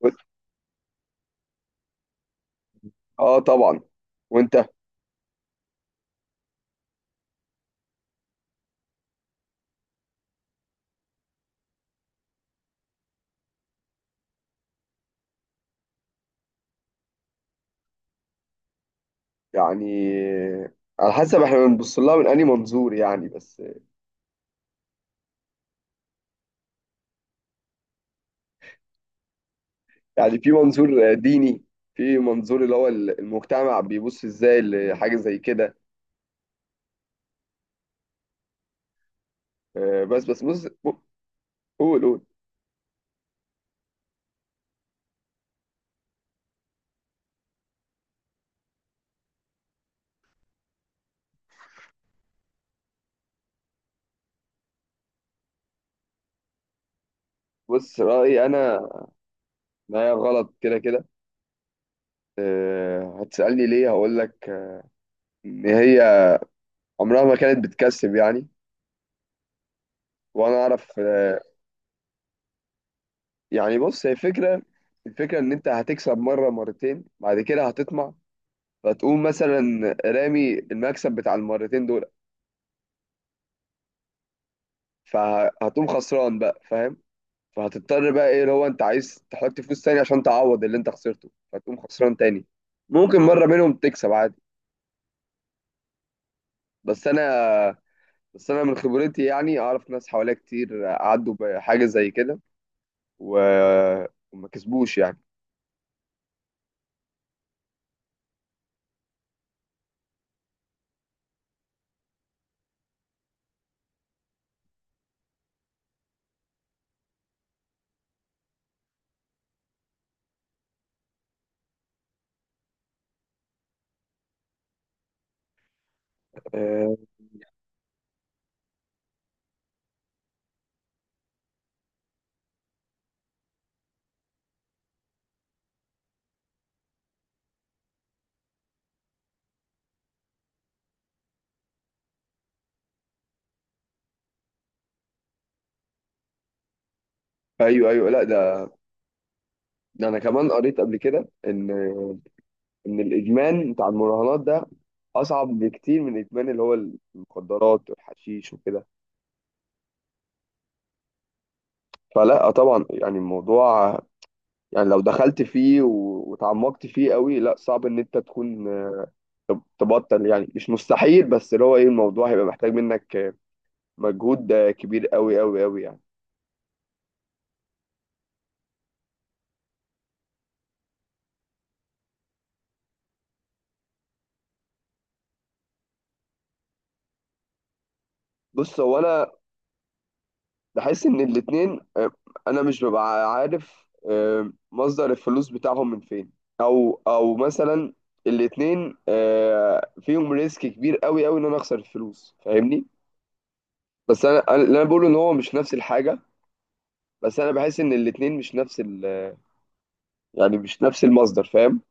و- اه طبعا. وانت؟ يعني على حسب احنا بنبص لها من انهي منظور يعني بس. يعني في منظور ديني، في منظور اللي هو المجتمع بيبص ازاي لحاجة زي كده. بس بص. قول. بص رأيي انا ان هي غلط كده كده. هتسألني ليه؟ هقول لك ان هي عمرها ما كانت بتكسب يعني. وانا اعرف. يعني بص، هي فكرة. الفكرة ان انت هتكسب مرة مرتين، بعد كده هتطمع، فتقوم مثلا رامي المكسب بتاع المرتين دول، فهتقوم خسران بقى، فاهم؟ فهتضطر بقى ايه اللي هو انت عايز تحط فلوس تاني عشان تعوض اللي انت خسرته، فتقوم خسران تاني. ممكن مرة منهم تكسب عادي، بس انا، بس انا من خبرتي يعني اعرف ناس حواليا كتير عدوا بحاجة زي كده و... وما كسبوش يعني. أه، ايوه ايوه، لا ده، ده انا كمان قريت قبل كده ان ان الادمان بتاع المراهنات ده اصعب بكتير من الادمان اللي هو المخدرات والحشيش وكده. فلا طبعا، يعني الموضوع، يعني لو دخلت فيه وتعمقت فيه قوي، لا صعب ان انت تكون تبطل. يعني مش مستحيل، بس اللي هو ايه، الموضوع هيبقى محتاج منك مجهود كبير قوي قوي قوي يعني. بص، هو انا بحس ان الاتنين انا مش ببقى عارف مصدر الفلوس بتاعهم من فين، او مثلا الاتنين فيهم ريسك كبير قوي قوي ان انا اخسر الفلوس، فاهمني؟ بس انا، اللي انا بقوله ان هو مش نفس الحاجه. بس انا بحس ان الاتنين مش نفس ال، يعني مش نفس المصدر، فاهم؟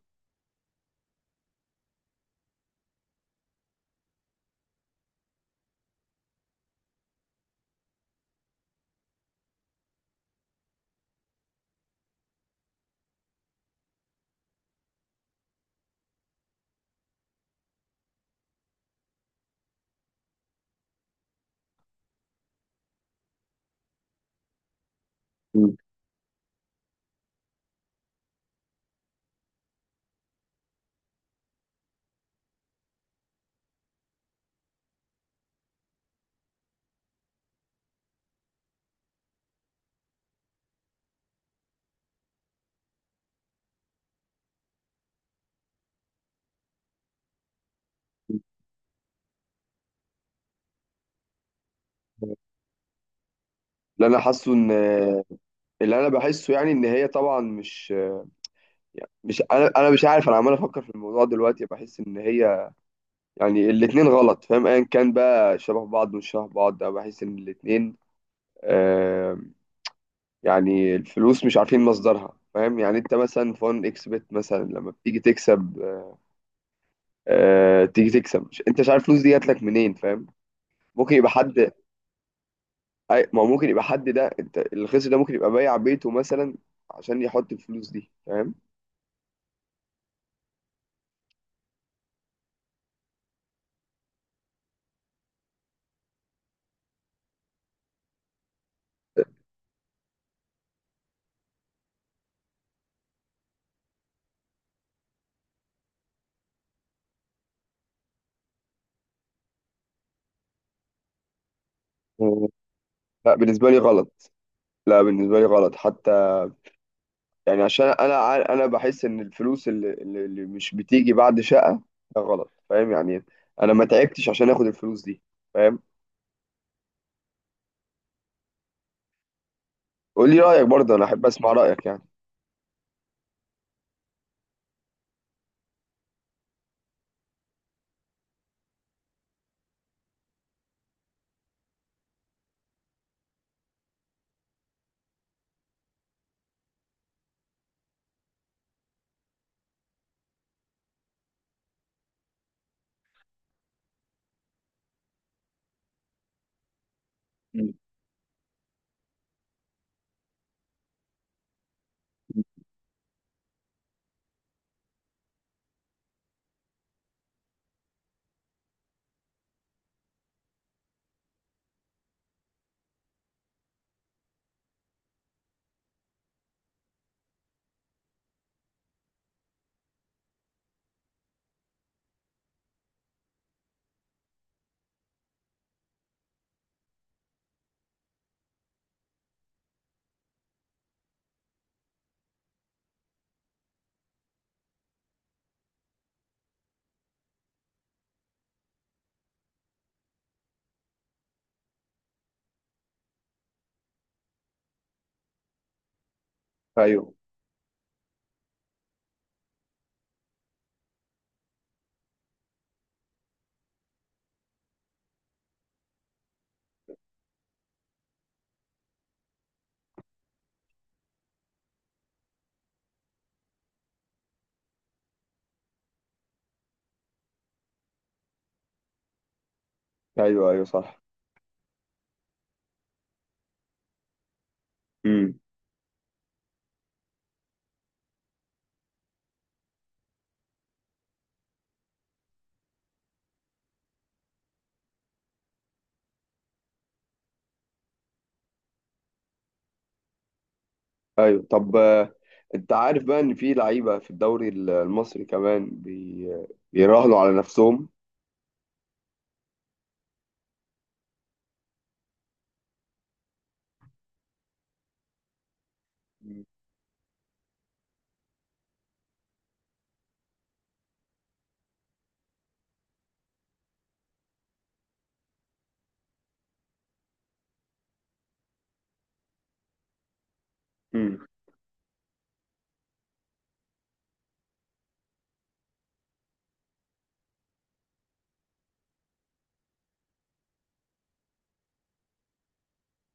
مم. اللي انا حاسه ان، اللي انا بحسه يعني ان هي طبعا مش يعني مش، انا مش عارف، انا عمال افكر في الموضوع دلوقتي، بحس ان هي، يعني الاتنين غلط، فاهم؟ ايا كان بقى شبه بعض مش شبه بعض، أنا بحس ان الاتنين آه، يعني الفلوس مش عارفين مصدرها، فاهم؟ يعني انت مثلا فون اكس بت مثلا لما بتيجي تكسب، آه تيجي تكسب، مش انت مش عارف الفلوس دي جات لك منين، فاهم؟ ممكن يبقى حد. ما هو ممكن يبقى حد، ده انت الخسر ده ممكن يبقى بايع بيته مثلا عشان يحط الفلوس دي، فاهم؟ لا بالنسبة لي غلط. لا بالنسبة لي غلط حتى. يعني عشان انا، انا بحس ان الفلوس اللي مش بتيجي بعد شقه ده غلط، فاهم يعني؟ انا ما تعبتش عشان اخد الفلوس دي، فاهم؟ قول لي رايك برضه، انا احب اسمع رايك يعني. مم. ايوه ايوه ايوه، صح. امم. ايوه طب، انت عارف بقى ان في لعيبه في الدوري المصري كمان بيراهنوا على نفسهم؟ مم. امم.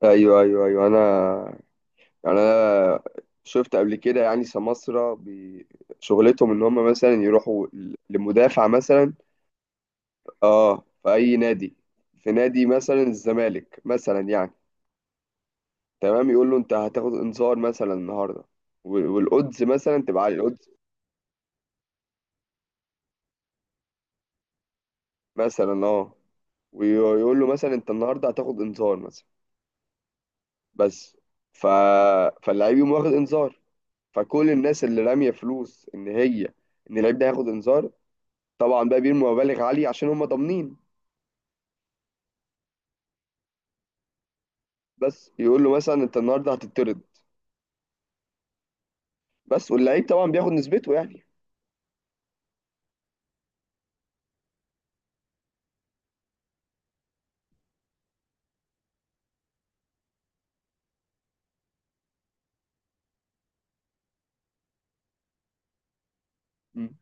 ايوه ايوه ايوه، انا، يعني انا شفت قبل كده يعني سماسرة شغلتهم ان هم مثلا يروحوا لمدافع مثلا، اه في اي نادي، في نادي مثلا الزمالك مثلا يعني، تمام، يقول له انت هتاخد انذار مثلا النهارده، والodds مثلا تبقى عالية، الأودز مثلا، اه، ويقول له مثلا انت النهارده هتاخد انذار مثلا بس. ف... فاللعيب يقوم واخد انذار، فكل الناس اللي راميه فلوس ان هي ان اللعيب ده هياخد انذار طبعا، بقى بيرموا مبالغ عالية عشان هم ضامنين. بس يقول له مثلا انت النهارده هتطرد بس. واللعيب طبعا بياخد نسبته يعني. مم.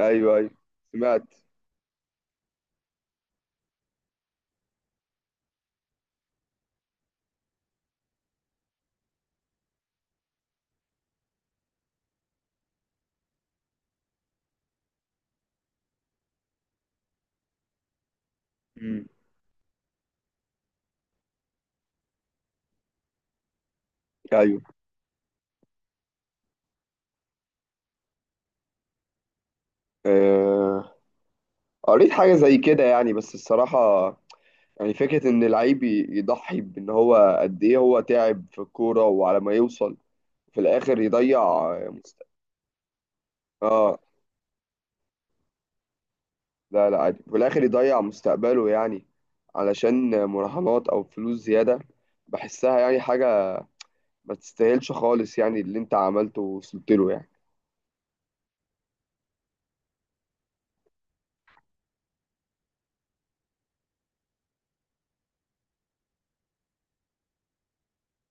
ايوه ايوه، سمعت. مم. ايوه. آه... قريت حاجة زي كده يعني، بس الصراحة يعني فكرة ان اللعيب يضحي بان هو قد ايه هو تعب في الكورة وعلى ما يوصل في الاخر يضيع مست... اه لا لا عادي، في الاخر يضيع مستقبله يعني علشان مراهنات او فلوس زيادة، بحسها يعني حاجة ما تستاهلش خالص يعني اللي انت عملته ووصلت له يعني